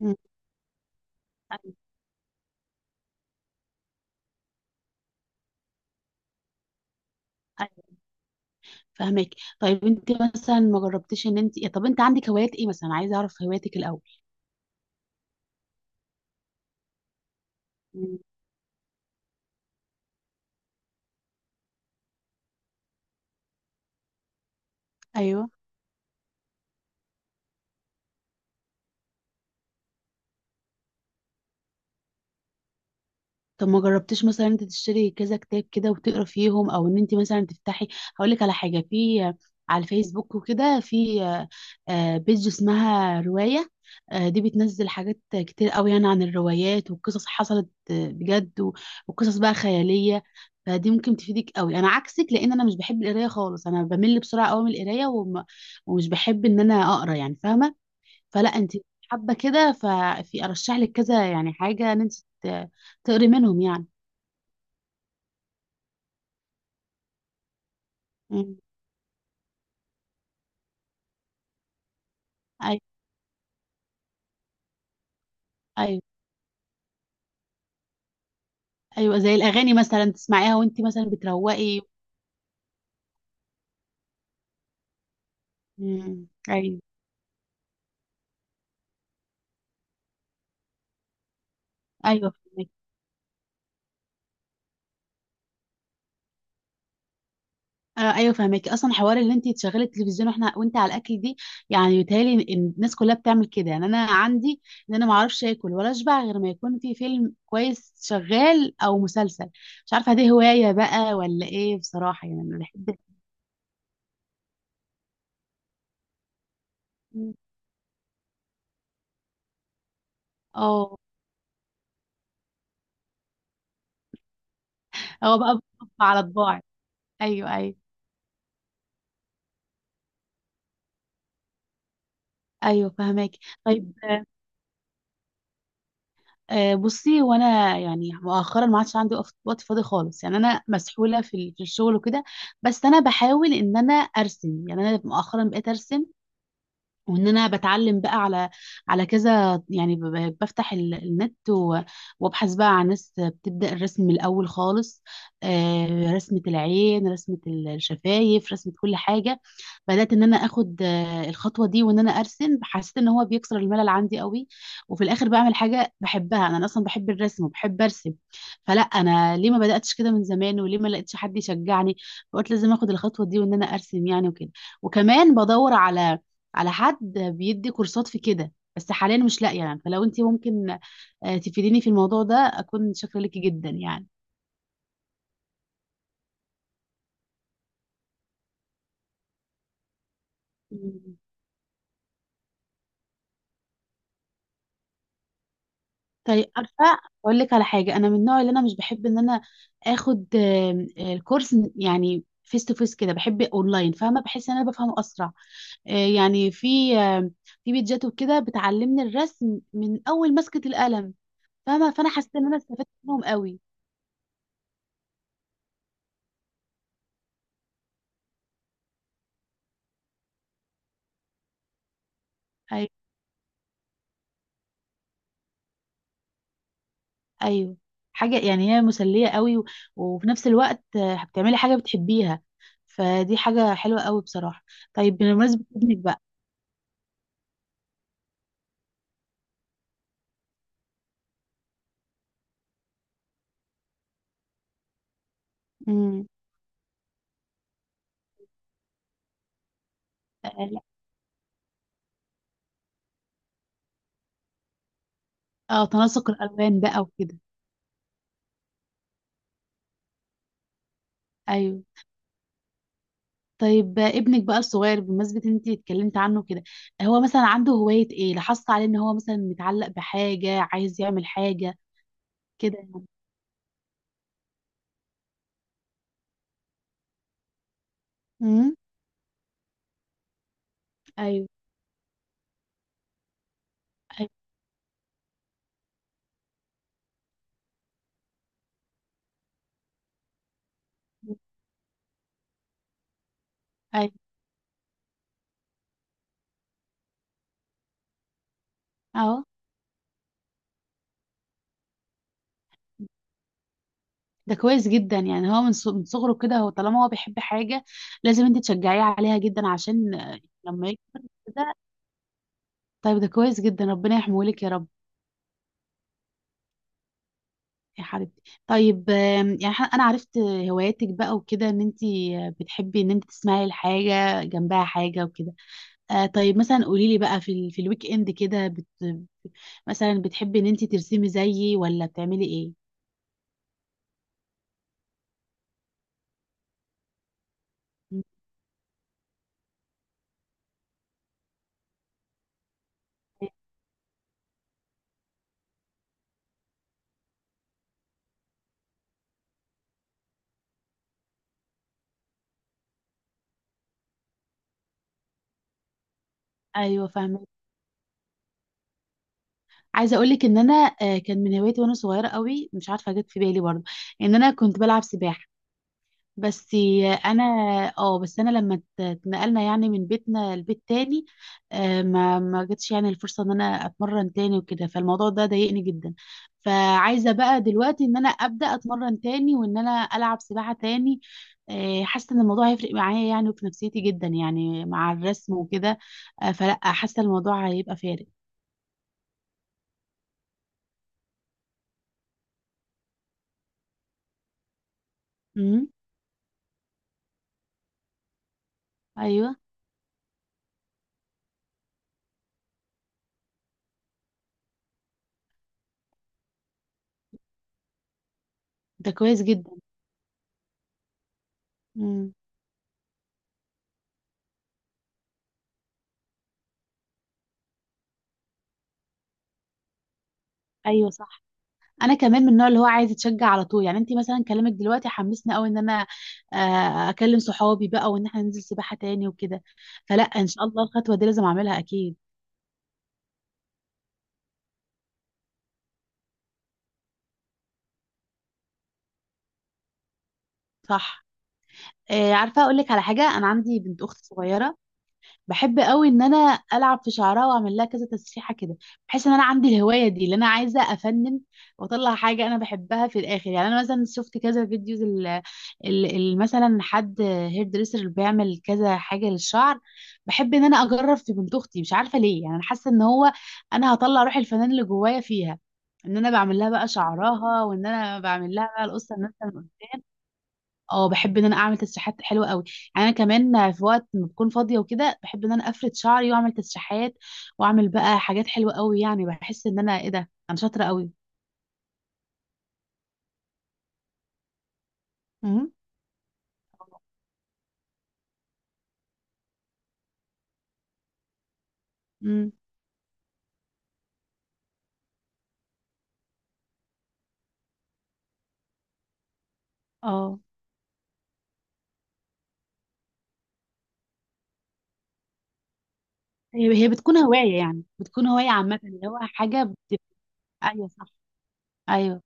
مم. ايوه، ايوه، فاهمك. طيب، انت مثلا ما جربتيش ان انت يعني، طب انت عندك هوايات ايه مثلا؟ عايزه اعرف هواياتك الاول. مم. ايوه. طب ما جربتيش مثلا انت تشتري كذا كتاب كده وتقرا فيهم، او ان انت مثلا تفتحي؟ هقول لك على حاجه، في على الفيسبوك وكده، في بيج اسمها روايه. دي بتنزل حاجات كتير قوي، يعني عن الروايات وقصص حصلت بجد، وقصص بقى خياليه. فدي ممكن تفيدك قوي، انا عكسك لان انا مش بحب القرايه خالص، انا بمل بسرعه قوي من القرايه ومش بحب ان انا اقرا، يعني فاهمه. فلا انت حابه كده، ففي ارشح لك كذا يعني حاجه ان انت ت- تقري منهم يعني. مم. ايوه. ايوه، ايوه زي الاغاني مثلا تسمعيها وانت مثلا بتروقي. مم. ايوه. ايوه فهمك. آه ايوه فهمك، اصلا حوار اللي انت تشغلي التلفزيون واحنا وانت على الاكل دي، يعني بيتهيألي إن الناس كلها بتعمل كده، يعني انا عندي ان انا ما اعرفش اكل ولا اشبع غير ما يكون في فيلم كويس شغال او مسلسل. مش عارفه دي هوايه بقى ولا ايه؟ بصراحه يعني انا بحب. اه. هو بقى بحب على طباعي. ايوه، ايوه. ايوه فهمك. طيب، بصي، وانا يعني مؤخرا ما عادش عندي وقت فاضي خالص، يعني انا مسحوله في في الشغل وكده. بس انا بحاول ان انا ارسم، يعني انا مؤخرا بقيت ارسم، وان انا بتعلم بقى على كذا، يعني بفتح النت وابحث بقى عن ناس بتبدا الرسم من الاول خالص. رسمه العين، رسمه الشفايف، رسمه كل حاجه. بدات ان انا اخد الخطوه دي وان انا ارسم، حسيت ان هو بيكسر الملل عندي قوي، وفي الاخر بعمل حاجه بحبها، انا اصلا بحب الرسم وبحب ارسم. فلا انا ليه ما بداتش كده من زمان، وليه ما لقيتش حد يشجعني؟ فقلت لازم اخد الخطوه دي وان انا ارسم، يعني وكده. وكمان بدور على حد بيدي كورسات في كده، بس حاليا مش لاقيه يعني، فلو انت ممكن تفيديني في الموضوع ده اكون شاكره ليكي جدا، يعني. طيب عارفه، اقول لك على حاجه، انا من النوع اللي انا مش بحب ان انا اخد آم، آه، الكورس يعني فيس تو فيس كده، بحب اونلاين، فاهمه، بحس ان انا بفهمه اسرع. آه، يعني في في بيتجات وكده بتعلمني الرسم من اول مسكه القلم، فاهمه، فانا حسيت ان انا استفدت منهم قوي. ايوه، ايوه. حاجه يعني هي مسليه قوي، وفي نفس الوقت بتعملي حاجه بتحبيها، فدي حاجه حلوه قوي بصراحه. طيب بمناسبه ابنك بقى. امم. اه، تناسق الالوان بقى وكده. ايوه. طيب ابنك بقى الصغير، بمناسبة ان انت اتكلمت عنه كده، هو مثلا عنده هواية ايه؟ لاحظت عليه ان هو مثلا متعلق بحاجة، عايز يعمل حاجة كده يعني؟ امم. ايوه. ايوه. ايوه. اهو. ده كويس جدا، يعني هو من صغره كده، هو طالما هو بيحب حاجة لازم انت تشجعيه عليها جدا، عشان لما يكبر كده. طيب ده كويس جدا، ربنا يحميه لك يا رب. يا حبيبتي، طيب يعني، انا عرفت هواياتك بقى وكده، ان انت بتحبي ان انت تسمعي الحاجة جنبها حاجة وكده. آه، طيب مثلا قولي لي بقى في الويك اند كده، مثلا بتحبي ان انت ترسمي زيي، ولا بتعملي ايه؟ مم. ايوه فاهمه. عايزه اقول لك ان انا كان من هوايتي وانا صغيره قوي، مش عارفه جت في بالي برضه، ان انا كنت بلعب سباحه بس. انا اه بس انا لما اتنقلنا يعني من بيتنا لبيت تاني، ما جاتش يعني الفرصه ان انا اتمرن تاني وكده، فالموضوع ده ضايقني جدا. فعايزه بقى دلوقتي ان انا ابدا اتمرن تاني، وان انا العب سباحه تاني، حاسه ان الموضوع هيفرق معايا يعني، وفي نفسيتي جدا، يعني مع الرسم وكده، فلا حاسه الموضوع هيبقى فارق. امم. ايوه ده كويس جدا. امم. ايوه صح. انا كمان من النوع اللي هو عايز يتشجع على طول، يعني انت مثلا كلامك دلوقتي حمسني قوي ان انا اكلم صحابي بقى، وان احنا ننزل سباحة تاني وكده. فلا ان شاء الله الخطوة دي لازم اعملها اكيد. صح. عارفة اقول لك على حاجة، انا عندي بنت اخت صغيرة، بحب قوي ان انا العب في شعرها واعمل لها كذا تسريحه كده. بحس ان انا عندي الهوايه دي اللي انا عايزه افنن واطلع حاجه انا بحبها في الاخر، يعني انا مثلا شفت كذا فيديوز مثلا حد هير دريسر اللي بيعمل كذا حاجه للشعر. بحب ان انا اجرب في بنت اختي، مش عارفه ليه، يعني انا حاسه ان هو انا هطلع روح الفنان اللي جوايا فيها، ان انا بعمل لها بقى شعرها، وان انا بعمل لها بقى القصه الناس اللي قدام. اه. بحب ان انا اعمل تسريحات حلوه قوي، يعني انا كمان في وقت ما بكون فاضيه وكده بحب ان انا افرد شعري واعمل تسريحات، واعمل بقى حاجات حلوه قوي، يعني بحس ان انا ايه ده، انا شاطره قوي. مم. امم. اه. هي بتكون هوايه، يعني بتكون هوايه عامه، اللي هو حاجه بتبقى. ايوه صح. ايوه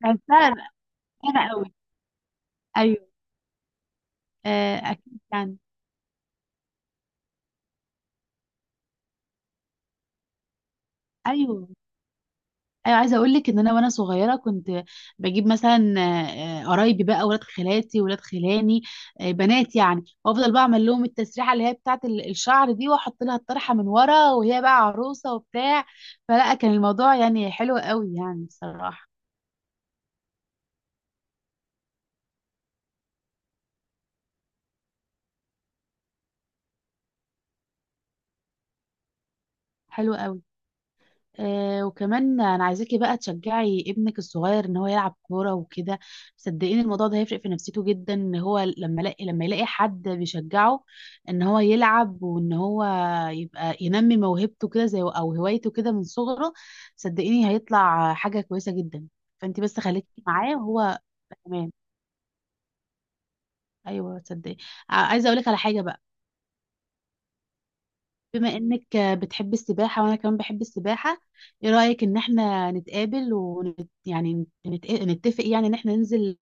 بحسها انا قوي. ايوه. آه اكيد يعني. ايوه، ايوه عايزه اقول لك ان انا وانا صغيره كنت بجيب مثلا قرايبي بقى، ولاد خالاتي، ولاد خلاني، بنات يعني، وافضل بقى اعمل لهم التسريحه اللي هي بتاعه الشعر دي، واحط لها الطرحه من ورا وهي بقى عروسه وبتاع، فلا كان الموضوع يعني حلو قوي، يعني بصراحه. حلو قوي. آه، وكمان انا عايزاكي بقى تشجعي ابنك الصغير ان هو يلعب كوره وكده، صدقيني الموضوع ده هيفرق في نفسيته جدا، ان هو لما يلاقي حد بيشجعه ان هو يلعب، وان هو يبقى ينمي موهبته كده، زي او هوايته كده من صغره. صدقيني هيطلع حاجه كويسه جدا. فانت بس خليكي معاه وهو. تمام. ايوه صدقيني. عايزه اقول لك على حاجه بقى، بما انك بتحب السباحة وانا كمان بحب السباحة، ايه رأيك ان احنا نتقابل يعني نتفق، يعني ان احنا ننزل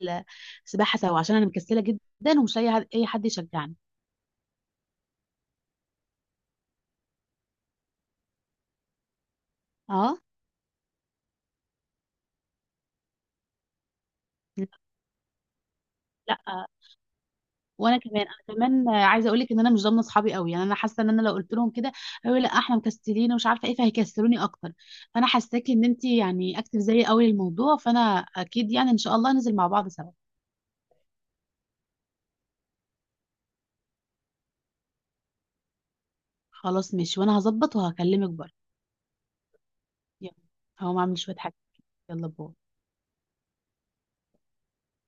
سباحة سوا، عشان انا مكسلة جدا ومش لاقي اي حد يشجعني. اه لا. وانا كمان، انا كمان عايزه اقول لك ان انا مش ضامنه اصحابي قوي، يعني انا حاسه ان انا لو قلت لهم كده هيقولوا لا احنا مكسلين ومش عارفه ايه، فهيكسلوني اكتر. فانا حاساكي ان انت يعني اكتف زيي قوي للموضوع، فانا اكيد يعني ان شاء الله ننزل مع بعض سوا. خلاص ماشي، وانا هظبط وهكلمك برضه. يلا. هقوم اعمل شويه حاجات، يلا باي.